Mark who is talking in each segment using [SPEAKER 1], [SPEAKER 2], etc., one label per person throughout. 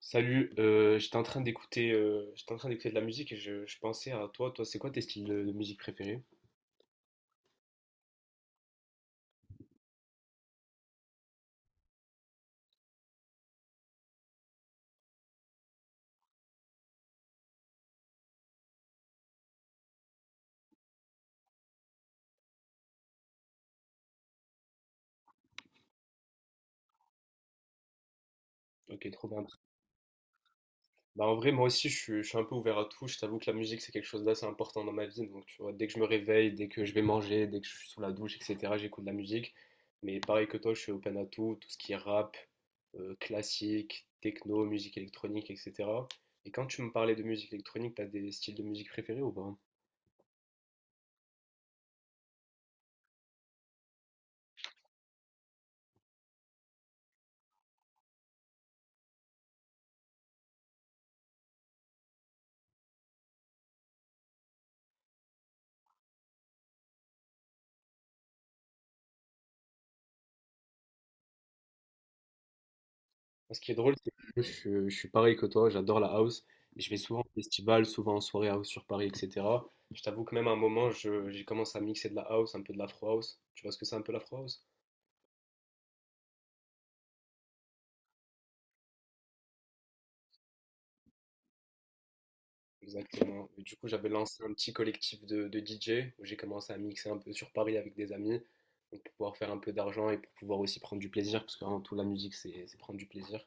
[SPEAKER 1] Salut, j'étais en train d'écouter j'étais en train d'écouter de la musique et je pensais à toi. Toi, c'est quoi tes styles de musique préférés? Ok, trop bien. Bah en vrai, moi aussi, je suis un peu ouvert à tout. Je t'avoue que la musique, c'est quelque chose d'assez important dans ma vie. Donc, tu vois, dès que je me réveille, dès que je vais manger, dès que je suis sous la douche, etc., j'écoute de la musique. Mais pareil que toi, je suis open à tout, tout ce qui est rap, classique, techno, musique électronique, etc. Et quand tu me parlais de musique électronique, t'as des styles de musique préférés ou pas? Moi, ce qui est drôle, c'est que je suis pareil que toi, j'adore la house. Et je vais souvent au festival, souvent en soirée house sur Paris, etc. Je t'avoue que même à un moment, j'ai commencé à mixer de la house, un peu de l'afro house. Tu vois ce que c'est un peu l'afro house? Exactement. Et du coup, j'avais lancé un petit collectif de DJ où j'ai commencé à mixer un peu sur Paris avec des amis, donc pour pouvoir faire un peu d'argent et pour pouvoir aussi prendre du plaisir parce qu'avant tout, la musique, c'est prendre du plaisir.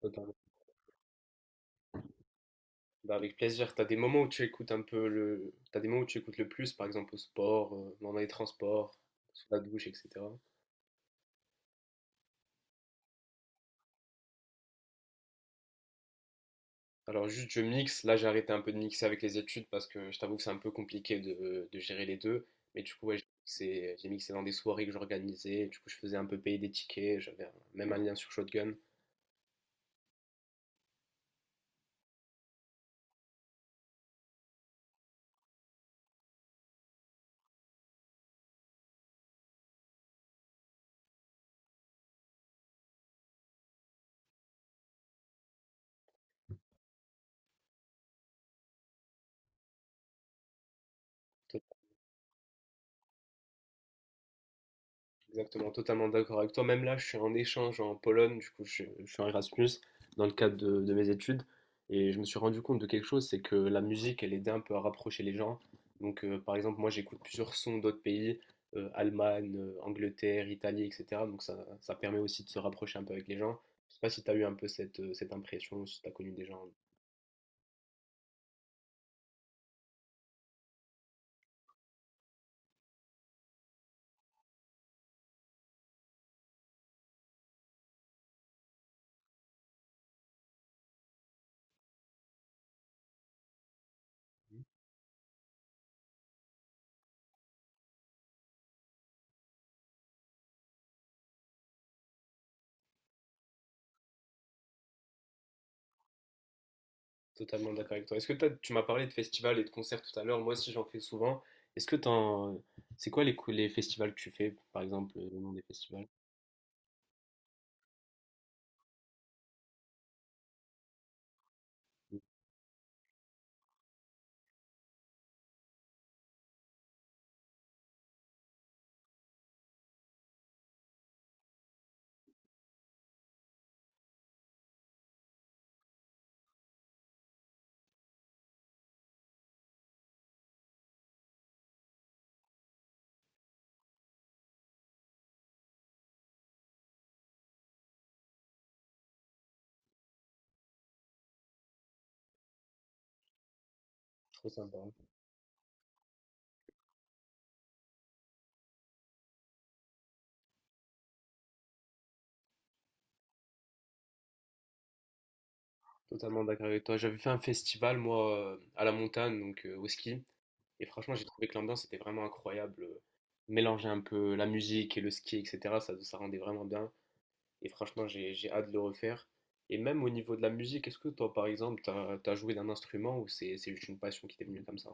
[SPEAKER 1] Totalement. Bah, avec plaisir. T'as des moments où tu écoutes un peu le, t'as des moments où tu écoutes le plus, par exemple au sport, dans les transports, sous la douche, etc. Alors juste je mixe, là j'ai arrêté un peu de mixer avec les études parce que je t'avoue que c'est un peu compliqué de gérer les deux. Mais du coup ouais, j'ai mixé dans des soirées que j'organisais, du coup je faisais un peu payer des tickets, j'avais même un lien sur Shotgun. Exactement, totalement d'accord avec toi. Même là, je suis en échange en Pologne, du coup, je suis en Erasmus dans le cadre de mes études. Et je me suis rendu compte de quelque chose, c'est que la musique, elle aidait un peu à rapprocher les gens. Donc, par exemple, moi, j'écoute plusieurs sons d'autres pays, Allemagne, Angleterre, Italie, etc. Donc, ça permet aussi de se rapprocher un peu avec les gens. Je sais pas si tu as eu un peu cette impression, si tu as connu des gens. Totalement d'accord avec toi. Est-ce que tu m'as parlé de festivals et de concerts tout à l'heure, moi aussi j'en fais souvent. Est-ce que t'en... C'est quoi les festivals que tu fais, par exemple, le nom des festivals? Trop sympa. Totalement d'accord avec toi. J'avais fait un festival, moi, à la montagne, donc au ski. Et franchement, j'ai trouvé que l'ambiance était vraiment incroyable. Mélanger un peu la musique et le ski, etc., ça, ça rendait vraiment bien. Et franchement, j'ai hâte de le refaire. Et même au niveau de la musique, est-ce que toi, par exemple, as joué d'un instrument ou c'est juste une passion qui t'est venue comme ça?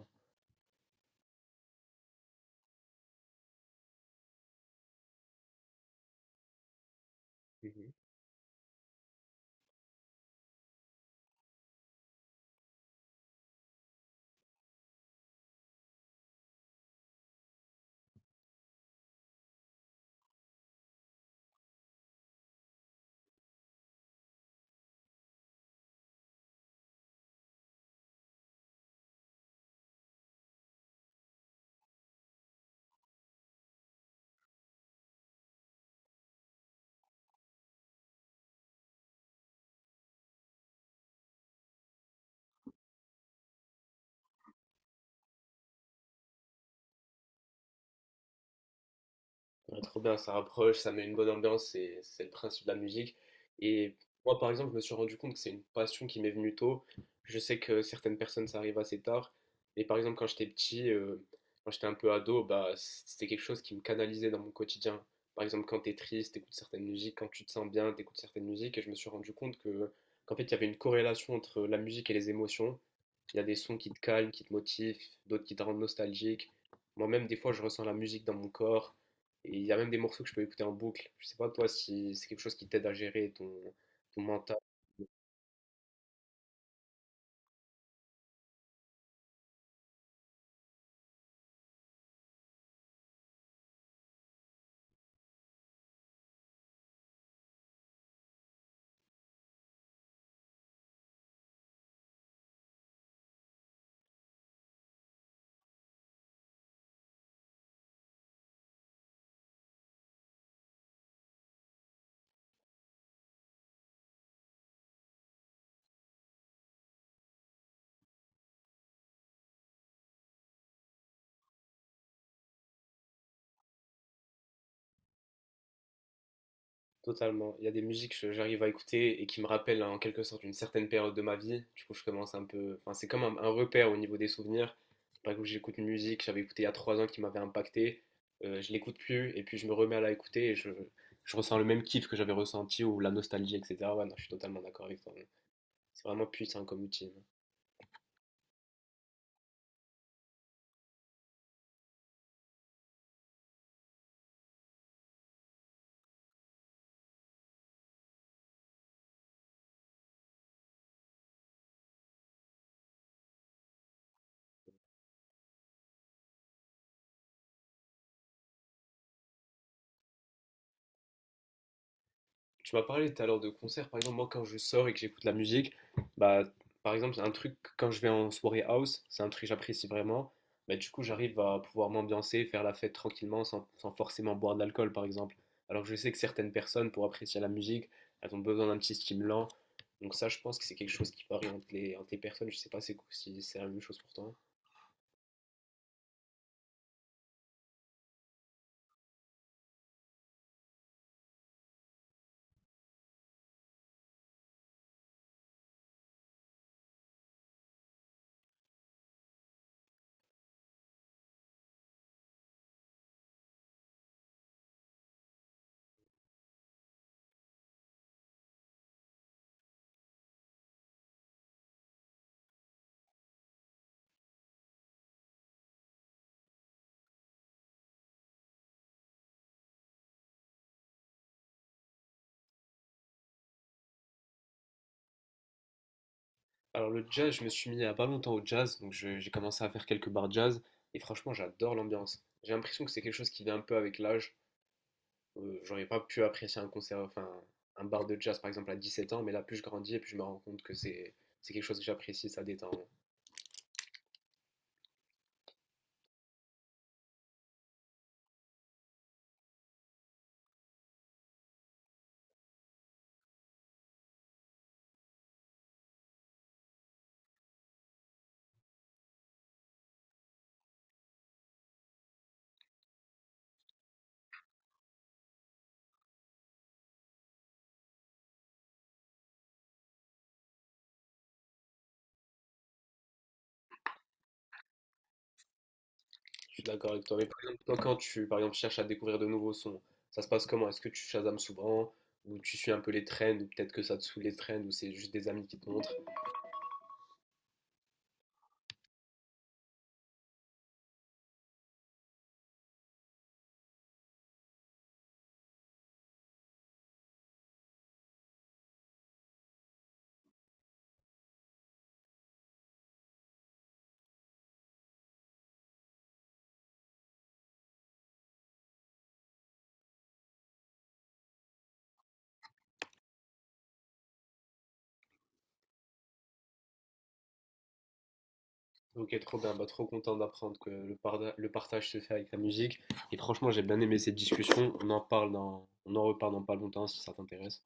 [SPEAKER 1] Ah, trop bien, ça rapproche, ça met une bonne ambiance, c'est le principe de la musique. Et moi, par exemple, je me suis rendu compte que c'est une passion qui m'est venue tôt. Je sais que certaines personnes, ça arrive assez tard. Mais par exemple, quand j'étais petit, quand j'étais un peu ado, bah, c'était quelque chose qui me canalisait dans mon quotidien. Par exemple, quand t'es triste, t'écoutes certaines musiques, quand tu te sens bien, t'écoutes certaines musiques. Et je me suis rendu compte qu'en fait, il y avait une corrélation entre la musique et les émotions. Il y a des sons qui te calment, qui te motivent, d'autres qui te rendent nostalgique. Moi-même, des fois, je ressens la musique dans mon corps. Et il y a même des morceaux que je peux écouter en boucle. Je sais pas toi si c'est quelque chose qui t'aide à gérer ton mental? Totalement. Il y a des musiques que j'arrive à écouter et qui me rappellent en quelque sorte une certaine période de ma vie. Du coup, je commence un peu. Enfin, c'est comme un repère au niveau des souvenirs. Par exemple, j'écoute une musique que j'avais écoutée il y a 3 ans qui m'avait impacté. Je l'écoute plus et puis je me remets à la écouter et je ressens le même kiff que j'avais ressenti ou la nostalgie, etc. Ouais, non, je suis totalement d'accord avec toi. C'est vraiment puissant comme outil, hein. Tu m'as parlé tout à l'heure de concert. Par exemple, moi, quand je sors et que j'écoute la musique, bah, par exemple, c'est un truc, quand je vais en soirée house, c'est un truc que j'apprécie vraiment. Bah, du coup, j'arrive à pouvoir m'ambiancer, faire la fête tranquillement sans forcément boire de l'alcool, par exemple. Alors que je sais que certaines personnes, pour apprécier la musique, elles ont besoin d'un petit stimulant. Donc ça, je pense que c'est quelque chose qui varie entre les, personnes. Je sais pas si c'est la même chose pour toi. Alors le jazz, je me suis mis il y a pas longtemps au jazz, donc j'ai commencé à faire quelques bars jazz, et franchement, j'adore l'ambiance. J'ai l'impression que c'est quelque chose qui vient un peu avec l'âge. J'aurais pas pu apprécier un concert, enfin un bar de jazz par exemple à 17 ans, mais là plus je grandis et plus je me rends compte que c'est quelque chose que j'apprécie, ça détend. Je suis d'accord avec toi. Mais par exemple, toi, quand tu par exemple cherches à découvrir de nouveaux sons, ça se passe comment? Est-ce que tu shazames souvent ou tu suis un peu les trends ou peut-être que ça te saoule les trends ou c'est juste des amis qui te montrent? Ok, trop bien, bah, trop content d'apprendre que le partage se fait avec la musique. Et franchement, j'ai bien aimé cette discussion. On en reparle dans pas longtemps si ça t'intéresse.